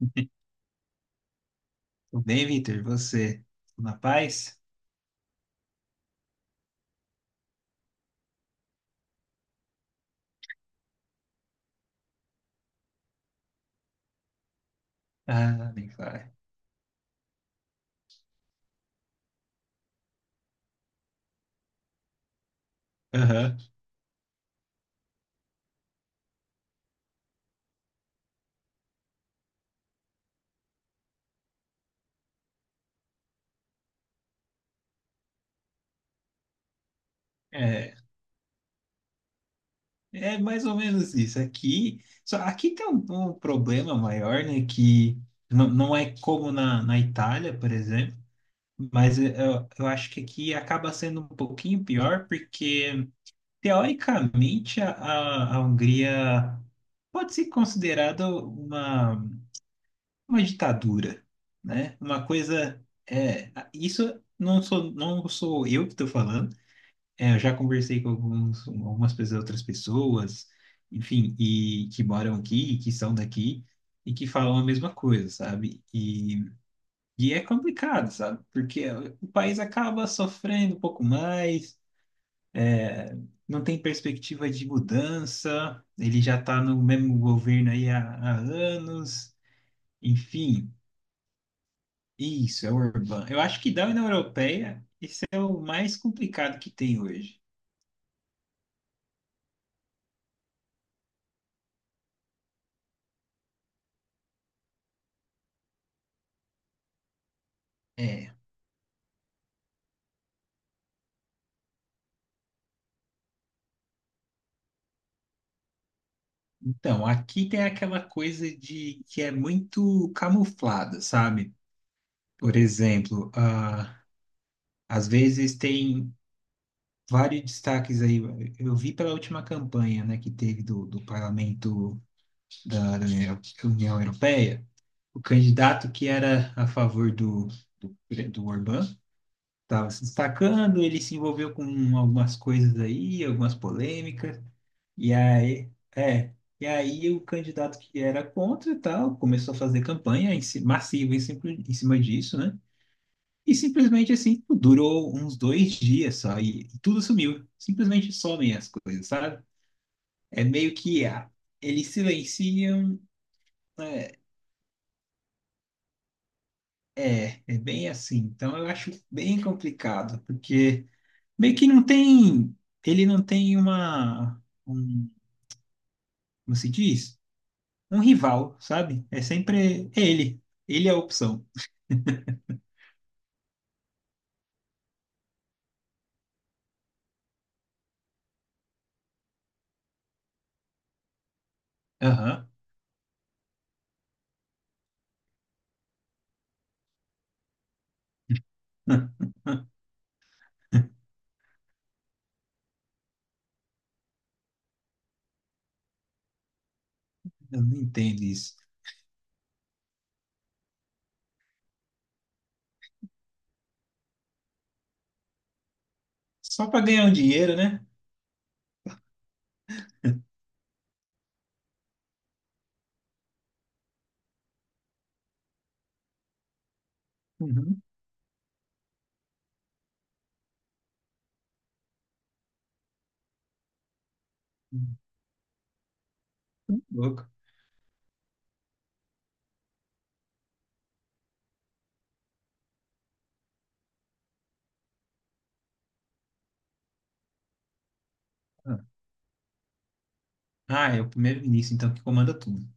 Tudo bem, Vitor? Você? Tudo na paz? Ah, bem claro. Aham. É, é mais ou menos isso. Aqui, só aqui tem um problema maior, né? Que não é como na Itália, por exemplo, mas eu acho que aqui acaba sendo um pouquinho pior, porque teoricamente a Hungria pode ser considerada uma. Uma ditadura, né? Uma coisa é isso, não sou eu que estou falando. É, eu já conversei com algumas pessoas, outras pessoas, enfim, e que moram aqui, e que são daqui e que falam a mesma coisa, sabe? E é complicado, sabe? Porque o país acaba sofrendo um pouco mais, é, não tem perspectiva de mudança, ele já está no mesmo governo aí há anos, enfim. Isso, é o Urban. Eu acho que da União Europeia, esse é o mais complicado que tem hoje. É. Então, aqui tem aquela coisa de que é muito camuflada, sabe? Por exemplo, às vezes tem vários destaques aí. Eu vi pela última campanha, né, que teve do parlamento da União Europeia, o candidato que era a favor do, do Orbán estava se destacando, ele se envolveu com algumas coisas aí, algumas polêmicas, e aí, é, e aí o candidato que era contra e tal começou a fazer campanha massiva em cima disso, né? E simplesmente assim, durou uns dois dias só, e tudo sumiu. Simplesmente somem as coisas, sabe? É meio que eles silenciam, né? É, é bem assim. Então eu acho bem complicado, porque meio que não tem, ele não tem como se diz? Um rival, sabe? É sempre é ele. Ele é a opção. Aham. Eu não entendo isso. Só para ganhar um dinheiro, né? Uhum. Uhum. Louco. Ah, Ah, é o primeiro-ministro, então, que comanda tudo.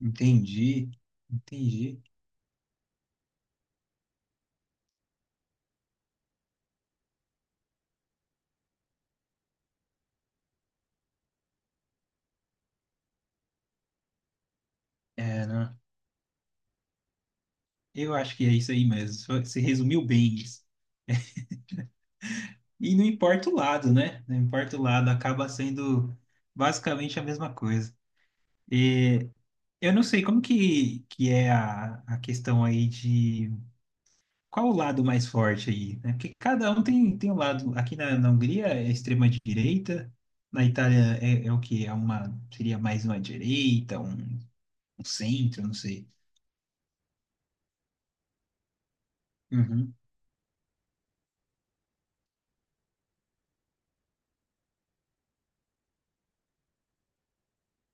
Entendi. Entendi. É, né? Eu acho que é isso aí mesmo. Você resumiu bem isso. E não importa o lado, né? Não importa o lado, acaba sendo basicamente a mesma coisa. Eu não sei como que é a questão aí de qual o lado mais forte aí, né? Porque cada um tem, tem um lado. Aqui na Hungria é extrema direita, na Itália é, é o que? É uma, seria mais uma direita, um centro, não sei. Uhum.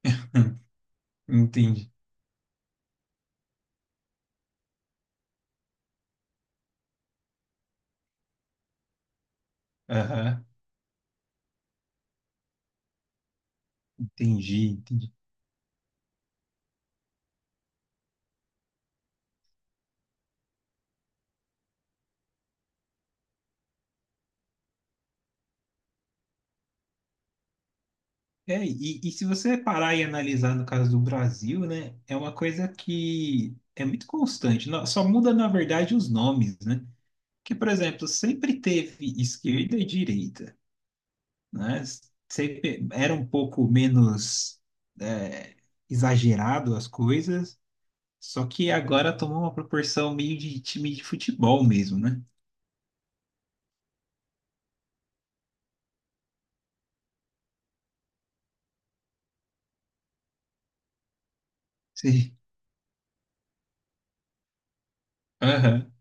Entendi. Aham. Entendi, entendi. É, e se você parar e analisar no caso do Brasil, né, é uma coisa que é muito constante. No- Só muda, na verdade, os nomes, né? Que, por exemplo, sempre teve esquerda e direita, né? Sempre era um pouco menos é, exagerado as coisas, só que agora tomou uma proporção meio de time de futebol mesmo, né? Sim. Aham.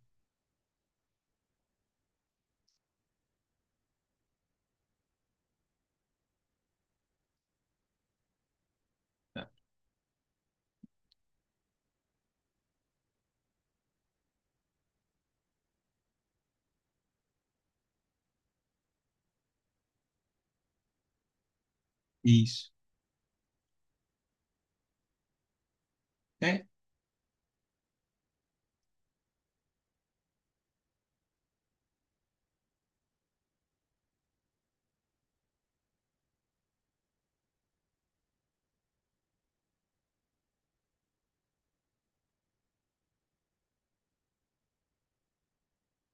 Isso. É,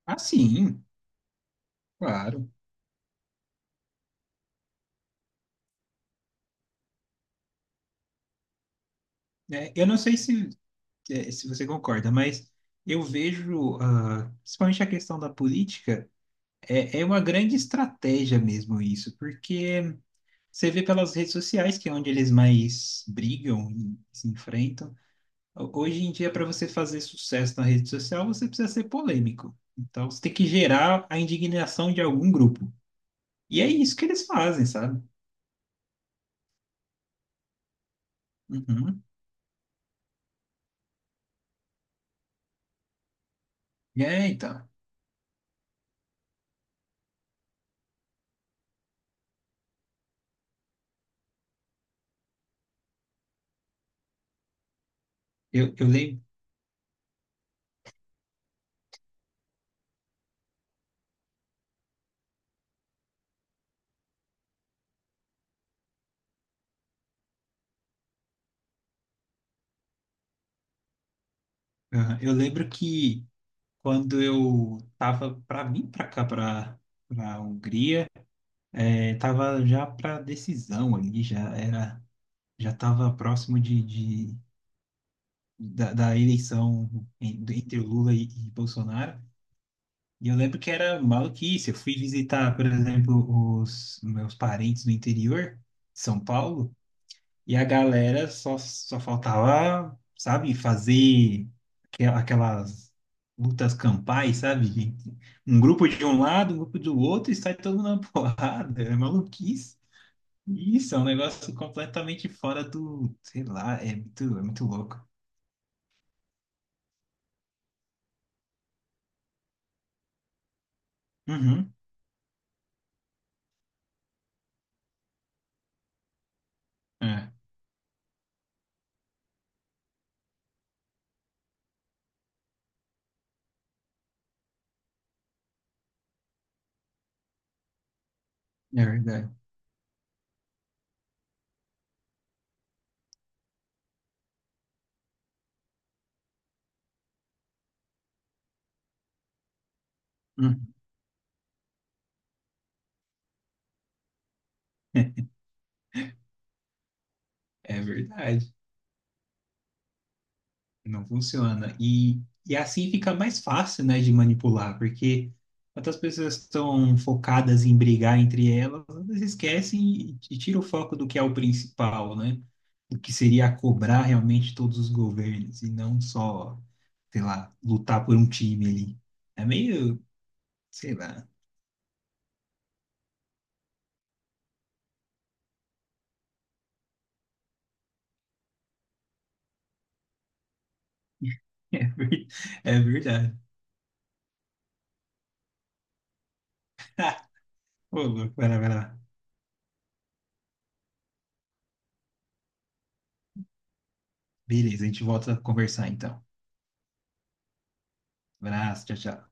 assim, claro. É, eu não sei se você concorda, mas eu vejo, principalmente a questão da política, é, é uma grande estratégia mesmo isso, porque você vê pelas redes sociais que é onde eles mais brigam e se enfrentam. Hoje em dia, para você fazer sucesso na rede social, você precisa ser polêmico. Então, você tem que gerar a indignação de algum grupo. E é isso que eles fazem, sabe? Uhum. É, então. Eu, eu, lem- aham, eu lembro que quando eu tava para vir para cá, para a Hungria, é, tava já para decisão ali, já era, já tava próximo de da eleição entre Lula e Bolsonaro. E eu lembro que era maluquice. Eu fui visitar, por exemplo, os meus parentes no interior, São Paulo, e a galera só faltava, sabe, fazer aquelas lutas campais, sabe? Um grupo de um lado, um grupo do outro, e sai todo mundo na porrada. É maluquice. Isso, é um negócio completamente fora do, sei lá, é muito louco. Uhum, é, é verdade. Uhum. É verdade, não funciona. E assim fica mais fácil, né, de manipular, porque quando as pessoas estão focadas em brigar entre elas, elas esquecem e tiram o foco do que é o principal, né? O que seria cobrar realmente todos os governos e não só, sei lá, lutar por um time ali. É meio, sei lá. É, é verdade. Ô, louco, vai lá, vai lá. Beleza, a gente volta a conversar então. Abraço, tchau, tchau.